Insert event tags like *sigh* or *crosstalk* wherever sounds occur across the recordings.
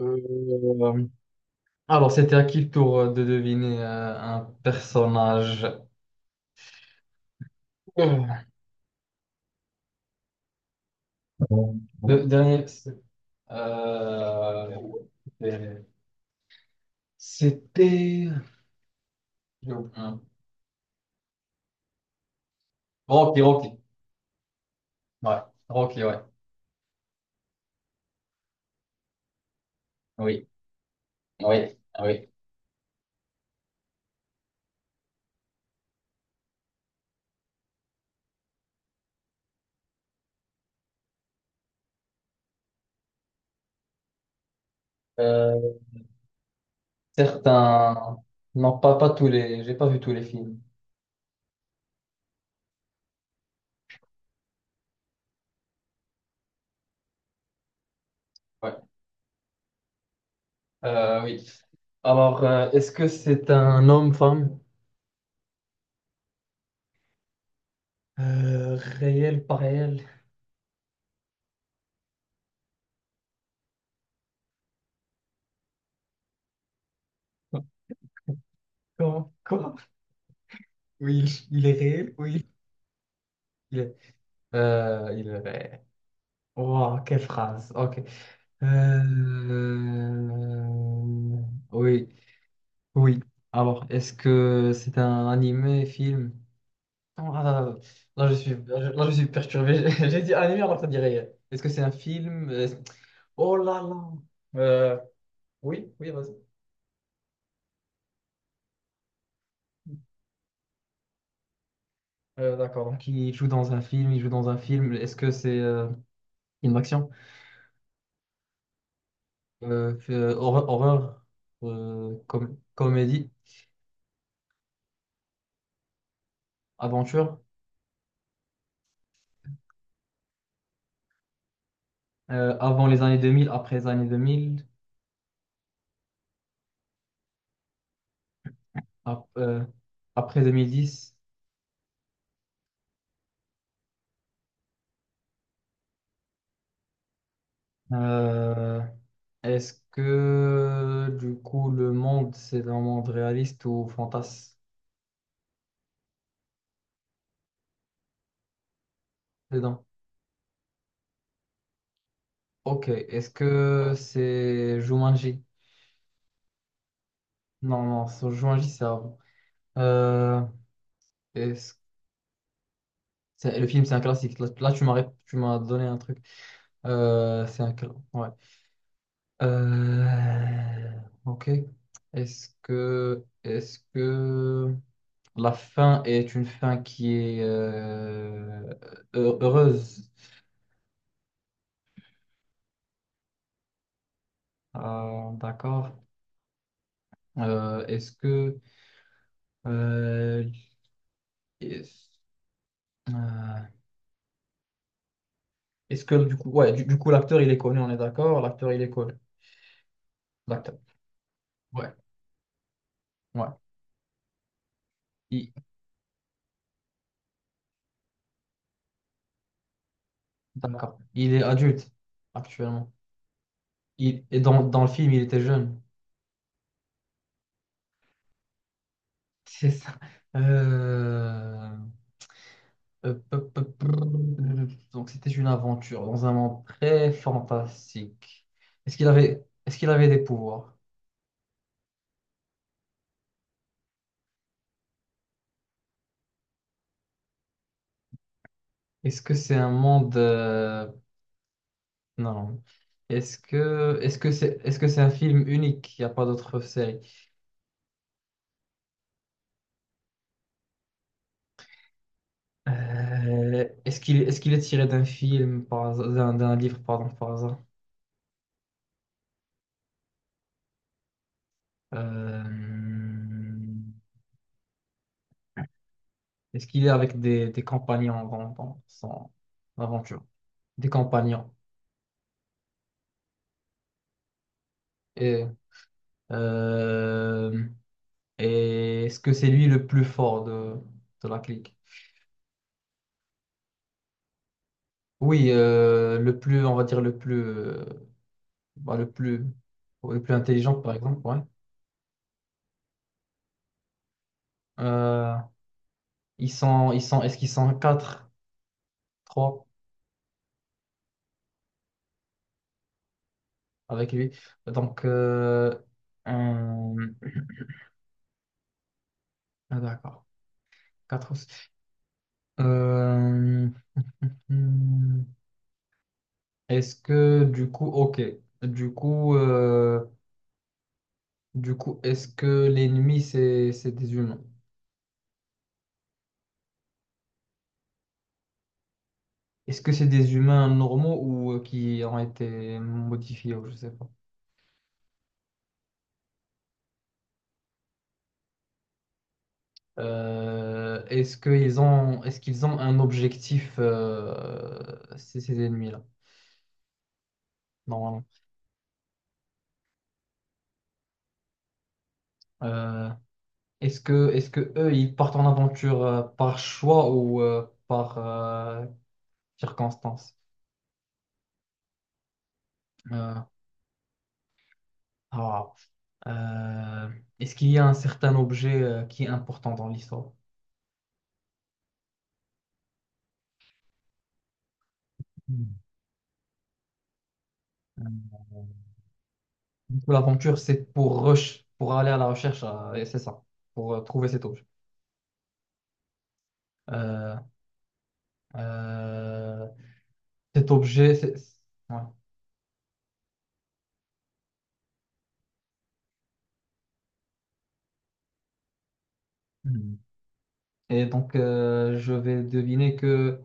Euh, alors, c'était à qui le tour de deviner un personnage? Le dernier, c'est- euh, c'était. c'était- j'ai oublié. Rocky. Ouais, Rocky, ouais. Oui, oui, oui. Euh, Certains. Non, pas tous les. J'ai pas vu tous les films. Ouais. Oui. Alors, est-ce que c'est un homme, femme? Euh, Réel, pas réel? Comment? Quoi? Oui, il est réel, oui. Il est, il est réel. Wow, quelle phrase. Ok. Euh, Oui, oui. Alors, est-ce que c'est un animé, film? Oh là là, je suis perturbé. *laughs* J'ai dit animé alors que ça dit réel. Est-ce que c'est un film? Oh là là. Euh, oui, oui, vas-y. D'accord. Donc, il joue dans un film. Est-ce que c'est une action? Horreur, comédie, aventure. Avant les années 2000, après les années 2000, ap- euh, après 2010. Euh, Est-ce que du coup le monde c'est un monde réaliste ou fantasme dedans? Ok. Est-ce que c'est Jumanji? Non, non, c'est- Jumanji c'est avant. Euh, est-ce- Le film c'est un classique. Tu m'as donné un truc. C'est un classique. Euh, ok. Est-ce que la fin est une fin qui est heureuse? Ah, d'accord. Est-ce que, euh, est-ce euh, est-ce que du coup, ouais, du coup, l'acteur il est connu, on est d'accord? L'acteur il est connu. L'acteur. Ouais, ouais. Il- d'accord. Il est adulte actuellement. Et dans le film, il était jeune. C'est ça. Euh, Hop, hop, hop, hop. Donc c'était une aventure dans un monde très fantastique. Est-ce qu'il avait des pouvoirs? Est-ce que c'est un monde... Non, non. Est-ce que c'est un film unique? Il n'y a pas d'autre série. Est-ce qu'il est tiré d'un, d'un livre, pardon, par hasard? Euh, Est-ce qu'il est avec des compagnons dans, dans son aventure? Des compagnons. Et, euh, Et est-ce que c'est lui le plus fort de la clique? Oui, le plus, on va dire le plus, bah, le plus, ouais, le plus intelligent, par exemple, ouais. Euh, est-ce qu'ils sont quatre, trois avec lui? Donc, euh, un- ah, d'accord, quatre. Aussi. Euh, hmm, est-ce que du coup, ok, du coup, euh, du coup, Est-ce que l'ennemi, c'est des humains? Est-ce que c'est des humains normaux ou qui ont été modifiés ou je sais pas. Est-ce qu'ils ont un objectif, ces ennemis-là, normalement? Euh, est-ce que eux, ils partent en aventure par choix ou par circonstance? Euh, ah, euh, Est-ce qu'il y a un certain objet qui est important dans l'histoire? Hmm. Pour l'aventure, c'est pour rush, pour aller à la recherche, et c'est ça, pour trouver cet objet. Euh, euh, Cet objet, c'est... ouais. Mhm. Et donc, je vais deviner que,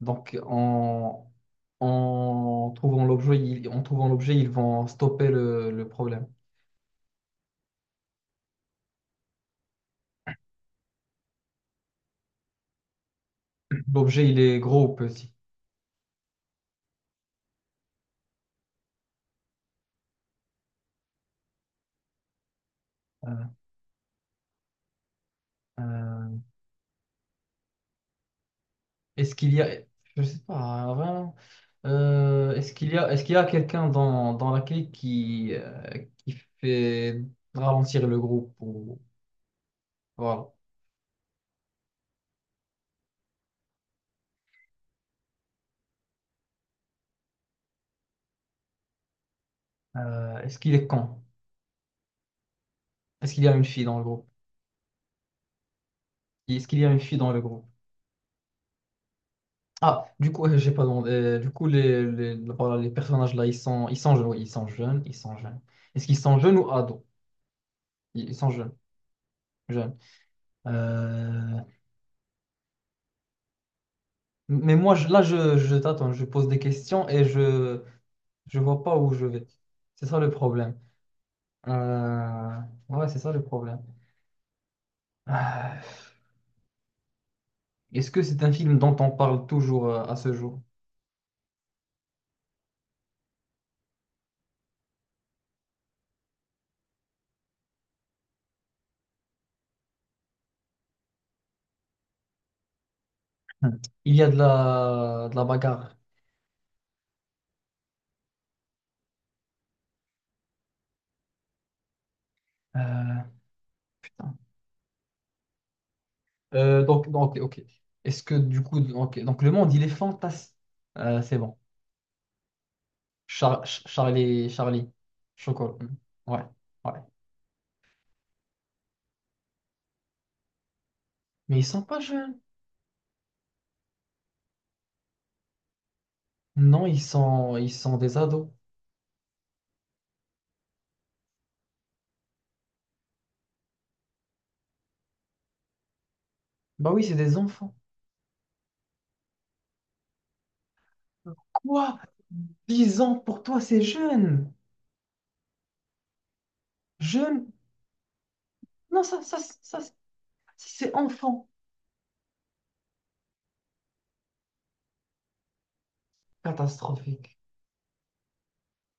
donc, en, en trouvant l'objet, en trouvant l'objet, ils vont stopper le problème. L'objet, il est gros ou petit? Euh, euh, Est-ce qu'il y a, je sais pas, vraiment, est-ce qu'il y a, est-ce qu'il y a quelqu'un dans, dans la clique qui fait ralentir le groupe ou, voilà. Est-ce qu'il est con? Est-ce qu'il y a une fille dans le groupe? Est-ce qu'il y a une fille dans le groupe? Ah, du coup, j'ai pas demandé. Du coup, voilà, les personnages là, ils sont jeunes, oui, ils sont jeunes. Est-ce qu'ils sont jeunes ou ados? Ils sont jeunes, jeunes. Euh, mais moi, je t'attends, je pose des questions et je vois pas où je vais. C'est ça le problème. Euh, Ouais, c'est ça le problème. Ah, est-ce que c'est un film dont on parle toujours à ce jour? Hmm. Il y a de la bagarre. Euh, Putain. Donc, ok, ok. Est-ce que du coup, ok. Donc le monde, il est fantastique. C'est bon. Charlie, Charlie, Chocolat. Hmm. Ouais, ouais. Mais ils sont pas jeunes. Non, ils sont des ados. Bah oui, c'est des enfants. Quoi? 10 ans pour toi, c'est jeune. Jeune? Non, ça, c'est enfant. Catastrophique.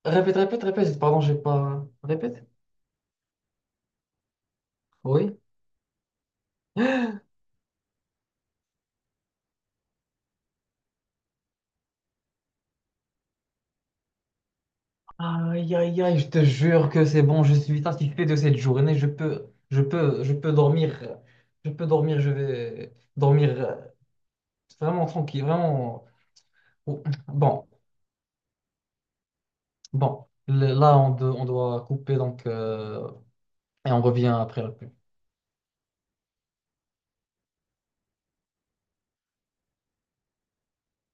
Répète, répète, répète. Pardon, j'ai pas. Répète. Oui. Aïe, aïe, aïe, je te jure que c'est bon, je suis satisfait de cette journée. Je peux dormir. Je peux dormir, je vais dormir vraiment tranquille, vraiment. Ouh, bon, bon. On doit couper donc et on revient après la pub.